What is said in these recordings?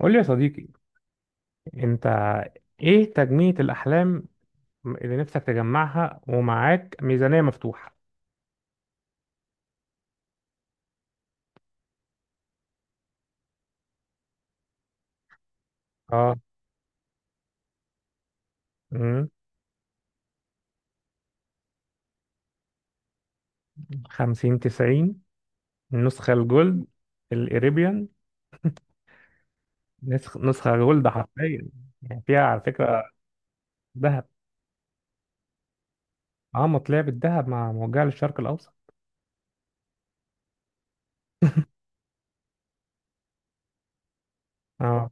قول لي يا صديقي، انت، ايه تجميع الاحلام اللي نفسك تجمعها ومعاك ميزانية مفتوحة؟ اه. امم خمسين تسعين، النسخة الجولد، الاريبيان. نسخة جولد حرفيا. يعني فيها على فكرة ذهب. اه، مطلع بالذهب مع موجهة للشرق الاوسط. اه.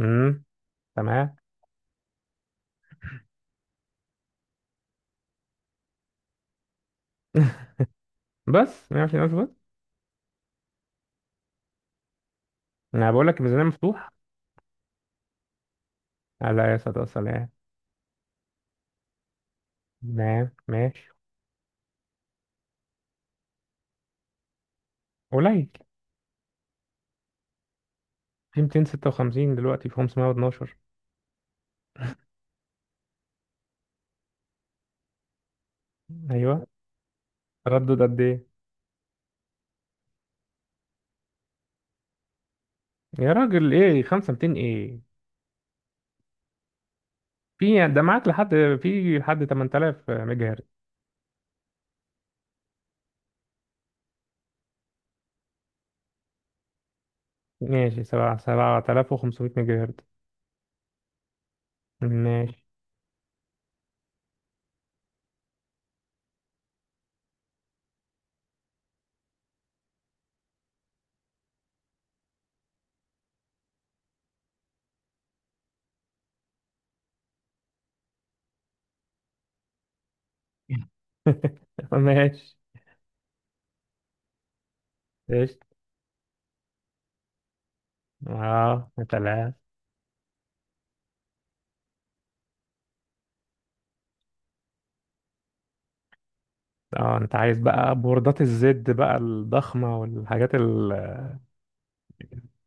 امم تمام. بس 120 الف بس؟ انا بقول لك الميزانية مفتوحة. آه، لا يا صديقي سلام. تمام، ماشي. قليل. في 256 دلوقتي، في 512. ايوه، تردد قد ايه؟ يا راجل ايه 5200 ايه؟ في، يعني ده معاك لحد، في لحد 8000 ميجا هرتز. ماشي، 7 7500 ميجا هرتز. ماشي. ماشي. قشطة. اه، تلاتة. اه، انت عايز بقى بوردات الزد بقى الضخمة والحاجات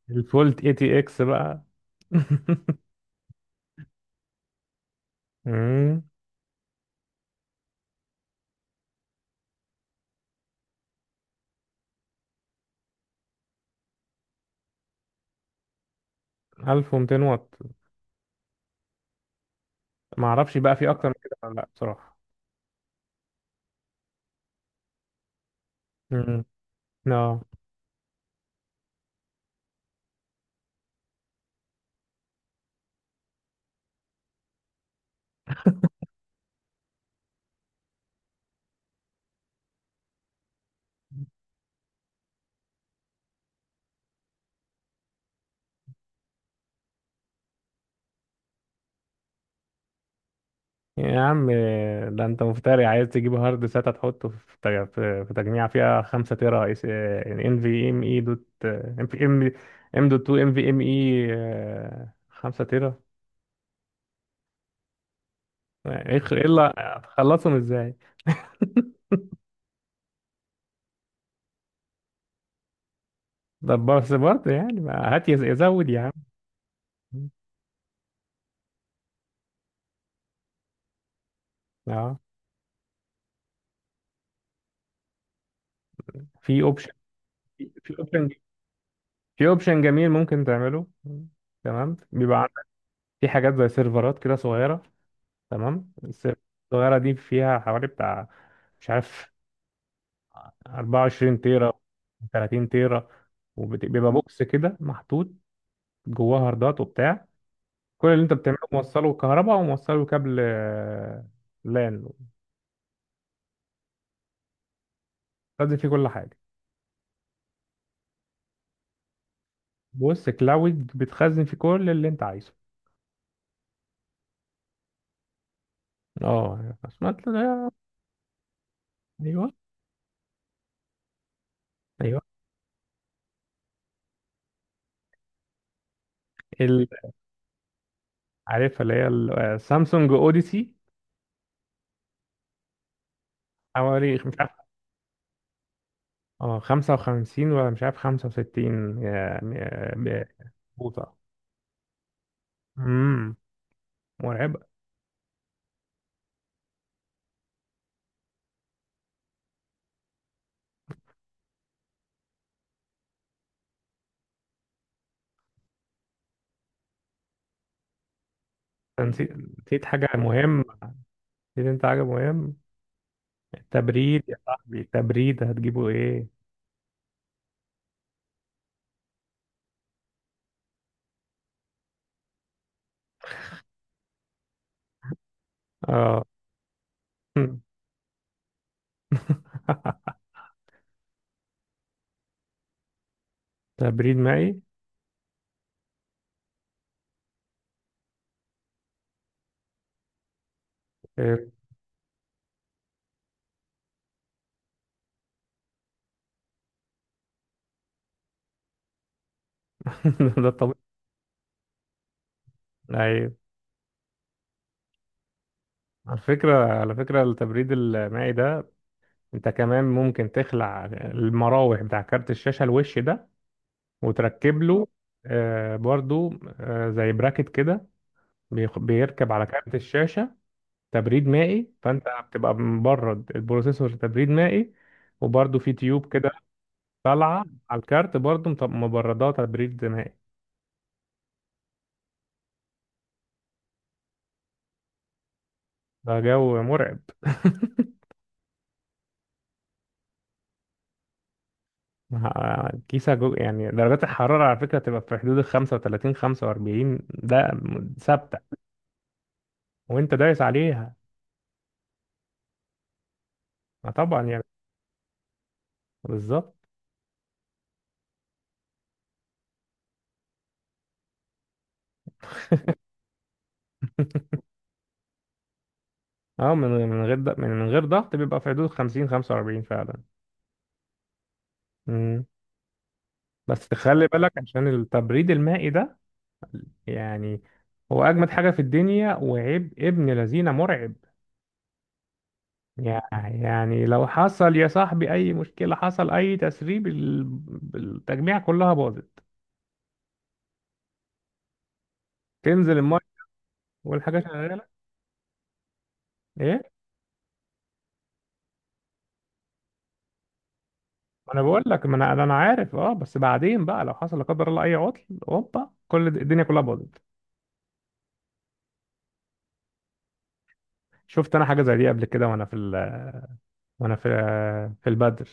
الفولت اي تي اكس بقى. مم. 1200 واط. ما اعرفش بقى في اكتر من كده ولا لا بصراحة. امم اه. يا عم، ده انت مفتري عايز تجيب هارد ساتا تحطه في في تجميع فيها 5 تيرا اس ان في ام اي دوت ام في ام. ام دوت 2 ام في ام اي 5 تيرا. يعني الا هتخلصهم ازاي؟ ده بس برضه، يعني ما هات يزود يا عم. اه. في اوبشن في اوبشن في اوبشن جميل ممكن تعمله. تمام. بيبقى عندك في حاجات زي سيرفرات كده صغيره. تمام، السيرفرات الصغيره دي فيها حوالي بتاع مش عارف 24 تيرا، 30 تيرا. وبيبقى بوكس كده محطوط جواه هاردات وبتاع. كل اللي انت بتعمله موصله كهرباء وموصله كابل، لان بتخزن فيه كل حاجه. بص، كلاود بتخزن فيه كل اللي انت عايزه. اه، سمعت ده. ايوه، ايوه. ال- عارفها، اللي هي سامسونج اوديسي. حوالي مش عارف، اه، 55 ولا مش عارف، 65 بوصه. امم مرعبه. أنا نسيت، حاجه مهمه. نسيت انت حاجة مهم، التبريد يا صاحبي، التبريد هتجيبه ايه؟ اه. تبريد مائي. إيه. ده طبيعي. ايوه، على فكرة، التبريد المائي ده انت كمان ممكن تخلع المراوح بتاع كارت الشاشة الوش ده وتركب له، آه، برضو، آه، زي براكت كده. بيركب على كارت الشاشة تبريد مائي، فانت بتبقى مبرد البروسيسور تبريد مائي. وبرضو في تيوب كده طالعة على الكارت برضه مبردات تبريد دماغي. ده جو مرعب. كيسة جو، يعني درجات الحرارة على فكرة تبقى في حدود ال 35 45 ده ثابتة، وانت دايس عليها. ما طبعا، يعني بالظبط. اه، من غير ضغط بيبقى في حدود 50 45 فعلا. مم. بس تخلي بالك، عشان التبريد المائي ده يعني هو أجمد حاجة في الدنيا وعيب ابن لذينة مرعب. يع- يعني لو حصل يا صاحبي اي مشكله، حصل اي تسريب، التجميع كلها باظت، تنزل الميه والحاجه شغاله. ايه، ما انا بقول لك ما انا عارف، اه، بس بعدين بقى لو حصل لا قدر الله اي عطل هوبا كل الدنيا كلها باظت. شفت انا حاجه زي دي قبل كده، وانا في البدر.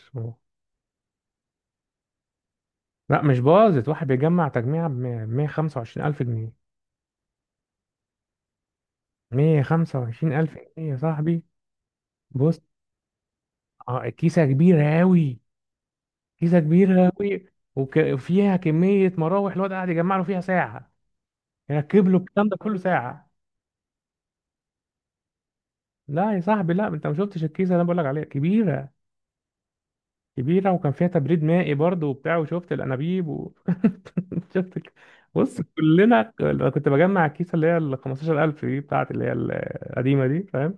لا مش باظت، واحد بيجمع تجميع ب 125 الف جنيه، 125 الف جنيه يا صاحبي. بص. آه، كيسه كبيره قوي، كيسة كبيرة أوي. وفيها كمية مراوح، الواد قاعد يجمع له فيها ساعة، يركب له الكلام ده كله ساعة. لا يا صاحبي، لا، انت ما شفتش الكيسة اللي انا بقول لك عليها كبيرة، كبيرة وكان فيها تبريد مائي برضه وبتاع، وشفت الانابيب و... شفت بص، كلنا، انا كنت بجمع الكيسة اللي هي ال 15,000 دي بتاعت اللي هي القديمة دي، فاهم.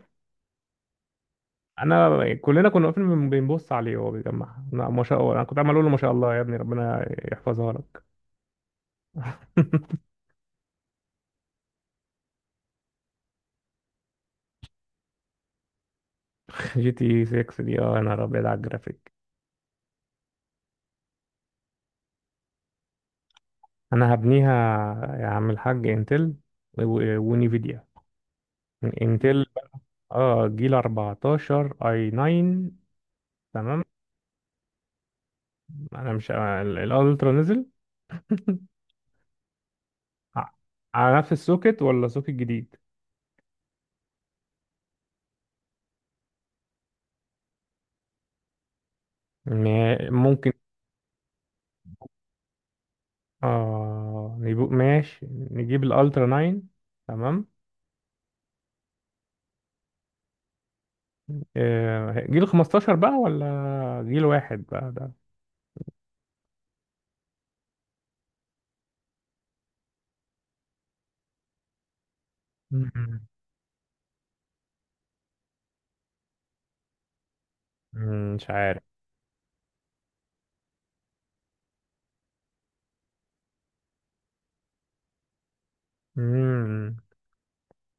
انا كلنا كنا واقفين بنبص عليه وهو بيجمعها، لا، ما شاء الله. انا كنت عمال اقول له ما شاء الله يا ابني، ربنا يحفظها لك. جي تي 6 دي، اه، انا ابيض على الجرافيك. انا هبنيها، يا عم الحاج انتل ونيفيديا، انتل. اه، جيل 14 اي 9. تمام. انا مش الالترا نزل. ع- على نفس السوكت ولا سوكت جديد؟ ممكن. اه، نجيب، ماشي، نجيب الالترا 9. تمام. آه، جيل 15 بقى ولا جيل واحد بقى ده. مم. مش عارف. مم.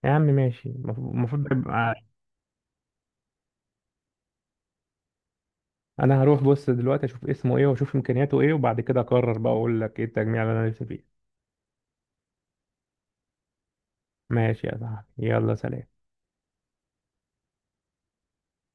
يا عم ماشي، المفروض، المفروض انا هروح بص دلوقتي اشوف اسمه ايه واشوف امكانياته ايه وبعد كده اقرر بقى اقول لك ايه التجميع اللي انا نفسي فيه. ماشي يا صاحبي، يلا سلام.